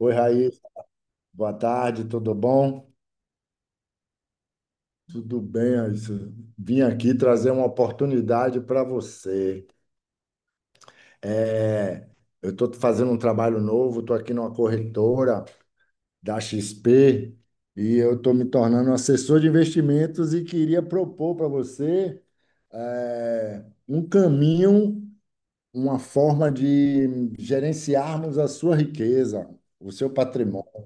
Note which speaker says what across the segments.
Speaker 1: Oi, Raíssa. Boa tarde, tudo bom? Tudo bem, Raíssa. Vim aqui trazer uma oportunidade para você. É, eu estou fazendo um trabalho novo, estou aqui numa corretora da XP e eu estou me tornando um assessor de investimentos e queria propor para você um caminho, uma forma de gerenciarmos a sua riqueza, o seu patrimônio.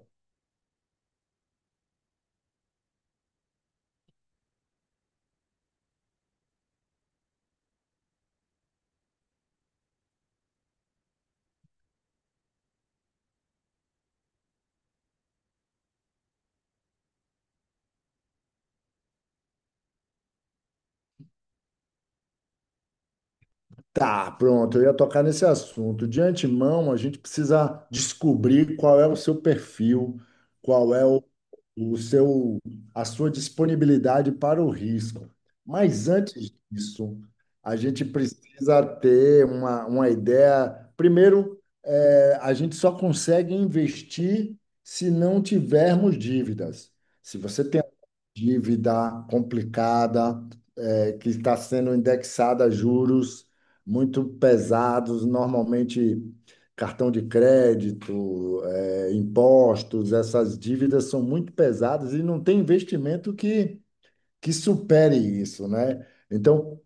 Speaker 1: Tá, pronto, eu ia tocar nesse assunto. De antemão, a gente precisa descobrir qual é o seu perfil, qual é o, o seu, a sua disponibilidade para o risco. Mas antes disso, a gente precisa ter uma ideia. Primeiro, a gente só consegue investir se não tivermos dívidas. Se você tem dívida complicada, é que está sendo indexada a juros muito pesados, normalmente cartão de crédito, impostos, essas dívidas são muito pesadas e não tem investimento que supere isso, né? Então,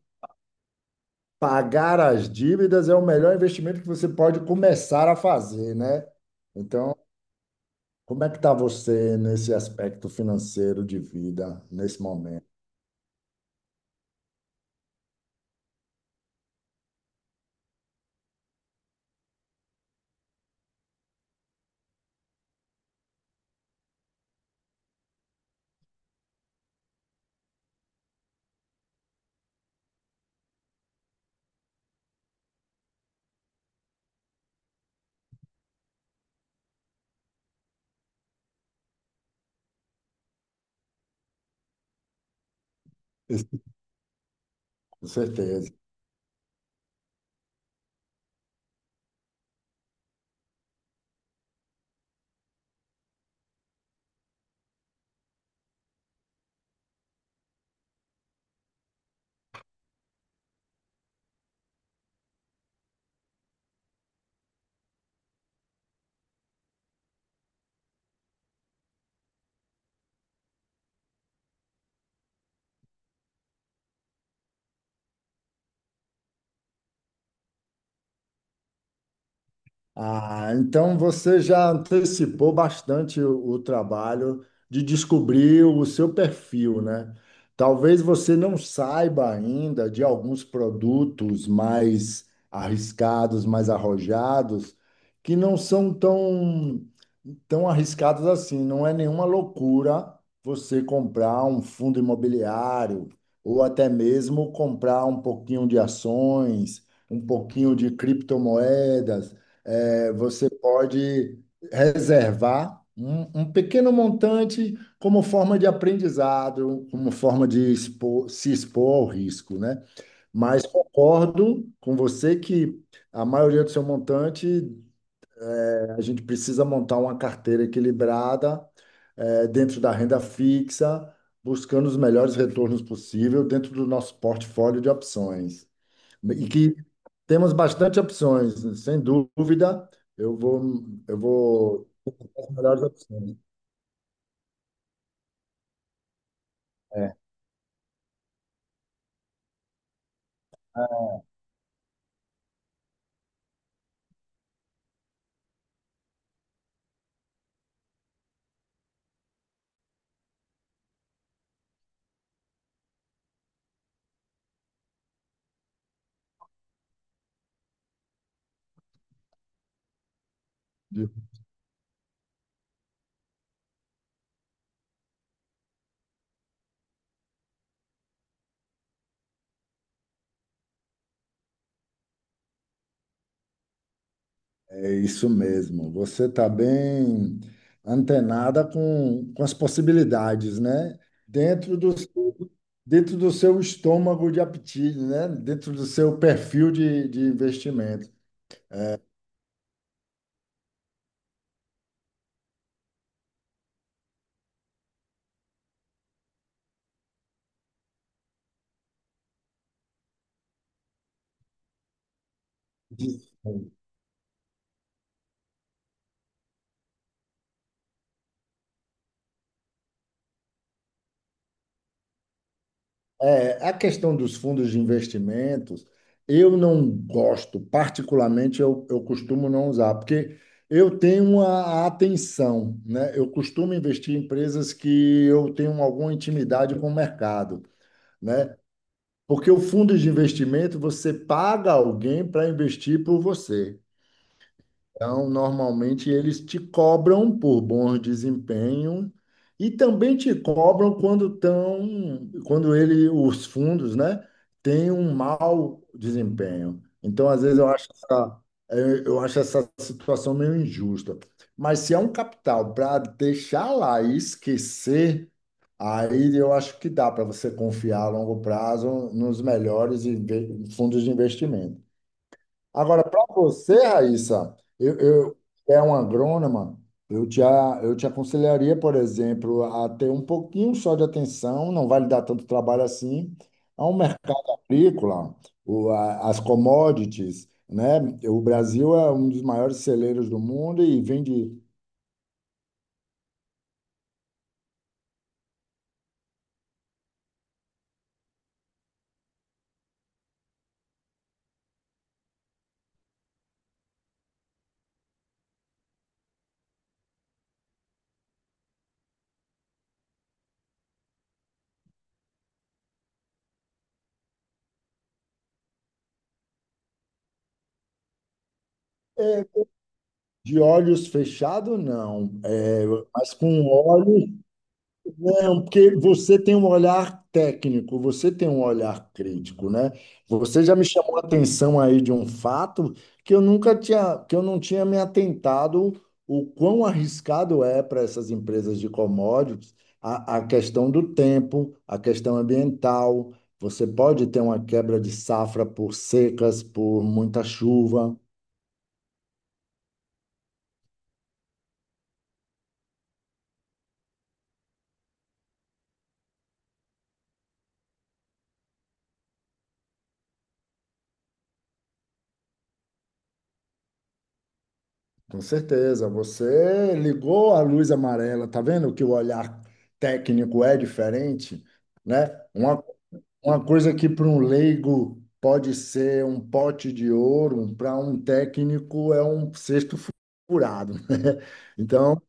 Speaker 1: pagar as dívidas é o melhor investimento que você pode começar a fazer, né? Então, como é que está você nesse aspecto financeiro de vida, nesse momento? Com certeza. Ah, então você já antecipou bastante o trabalho de descobrir o seu perfil, né? Talvez você não saiba ainda de alguns produtos mais arriscados, mais arrojados, que não são tão arriscados assim. Não é nenhuma loucura você comprar um fundo imobiliário ou até mesmo comprar um pouquinho de ações, um pouquinho de criptomoedas. É, você pode reservar um pequeno montante como forma de aprendizado, como forma de se expor ao risco, né? Mas concordo com você que a maioria do seu montante, a gente precisa montar uma carteira equilibrada, dentro da renda fixa, buscando os melhores retornos possível dentro do nosso portfólio de opções. E que temos bastante opções, sem dúvida. Eu vou. As melhores opções. É, é isso mesmo. Você está bem antenada com as possibilidades, né? Dentro do, seu- Dentro do seu estômago de apetite, né? Dentro do seu perfil de investimento. É, a questão dos fundos de investimentos, eu não gosto, particularmente eu costumo não usar, porque eu tenho uma atenção, né? Eu costumo investir em empresas que eu tenho alguma intimidade com o mercado, né? Porque o fundo de investimento, você paga alguém para investir por você. Então, normalmente eles te cobram por bom desempenho e também te cobram quando ele, os fundos, né, têm um mau desempenho. Então, às vezes eu acho essa situação meio injusta. Mas se é um capital para deixar lá e esquecer, aí eu acho que dá para você confiar a longo prazo nos melhores fundos de investimento. Agora, para você, Raíssa, eu que é uma agrônoma, eu te aconselharia, por exemplo, a ter um pouquinho só de atenção, não vai lhe dar tanto trabalho assim, a um mercado agrícola, as commodities, né? O Brasil é um dos maiores celeiros do mundo e vende de olhos fechados, não, é, mas com óleo. Não, porque você tem um olhar técnico, você tem um olhar crítico, né? Você já me chamou a atenção aí de um fato que eu não tinha me atentado o quão arriscado é para essas empresas de commodities a questão do tempo, a questão ambiental. Você pode ter uma quebra de safra por secas, por muita chuva. Com certeza, você ligou a luz amarela, tá vendo que o olhar técnico é diferente, né? Uma, uma coisa que para um leigo pode ser um pote de ouro, para um técnico é um furado, né? Então,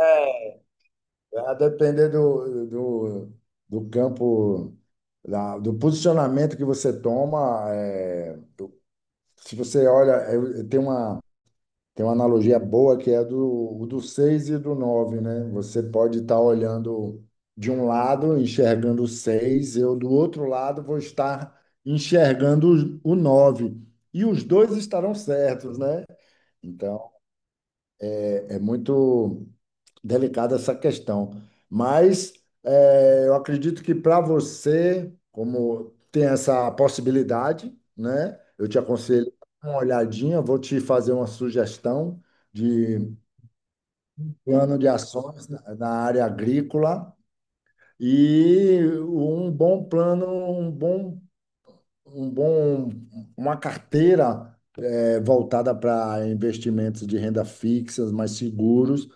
Speaker 1: é, a depender do campo, do posicionamento que você toma, se você olha, tem uma. Tem uma analogia boa que é do 6 e do nove, né? Você pode estar olhando de um lado, enxergando o seis, eu do outro lado vou estar enxergando o nove. E os dois estarão certos, né? Então, é muito delicada essa questão. Mas é, eu acredito que para você, como tem essa possibilidade, né? Eu te aconselho uma olhadinha, vou te fazer uma sugestão de plano de ações na área agrícola e um bom plano, um bom, uma carteira voltada para investimentos de renda fixa, mais seguros,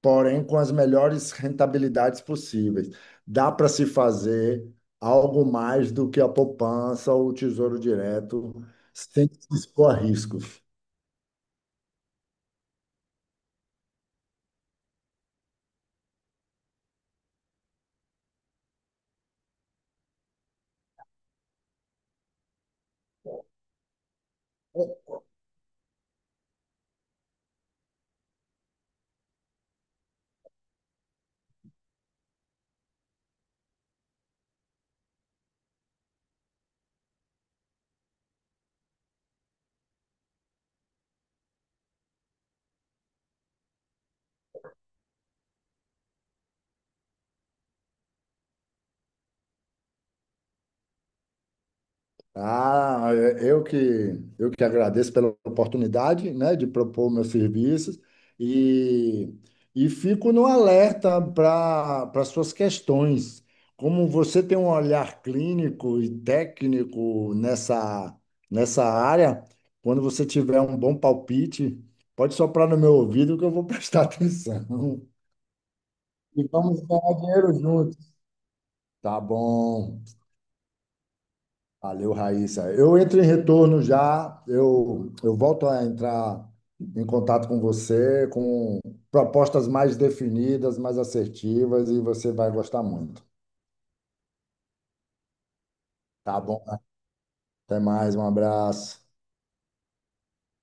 Speaker 1: porém com as melhores rentabilidades possíveis. Dá para se fazer algo mais do que a poupança ou o tesouro direto sem se expor a riscos. Ah, eu que agradeço pela oportunidade, né, de propor meus serviços e, e fico no alerta para suas questões. Como você tem um olhar clínico e técnico nessa, nessa área, quando você tiver um bom palpite, pode soprar no meu ouvido que eu vou prestar atenção. E vamos ganhar dinheiro juntos. Tá bom. Valeu, Raíssa. Eu entro em retorno já, eu volto a entrar em contato com você com propostas mais definidas, mais assertivas, e você vai gostar muito. Tá bom? Até mais, um abraço.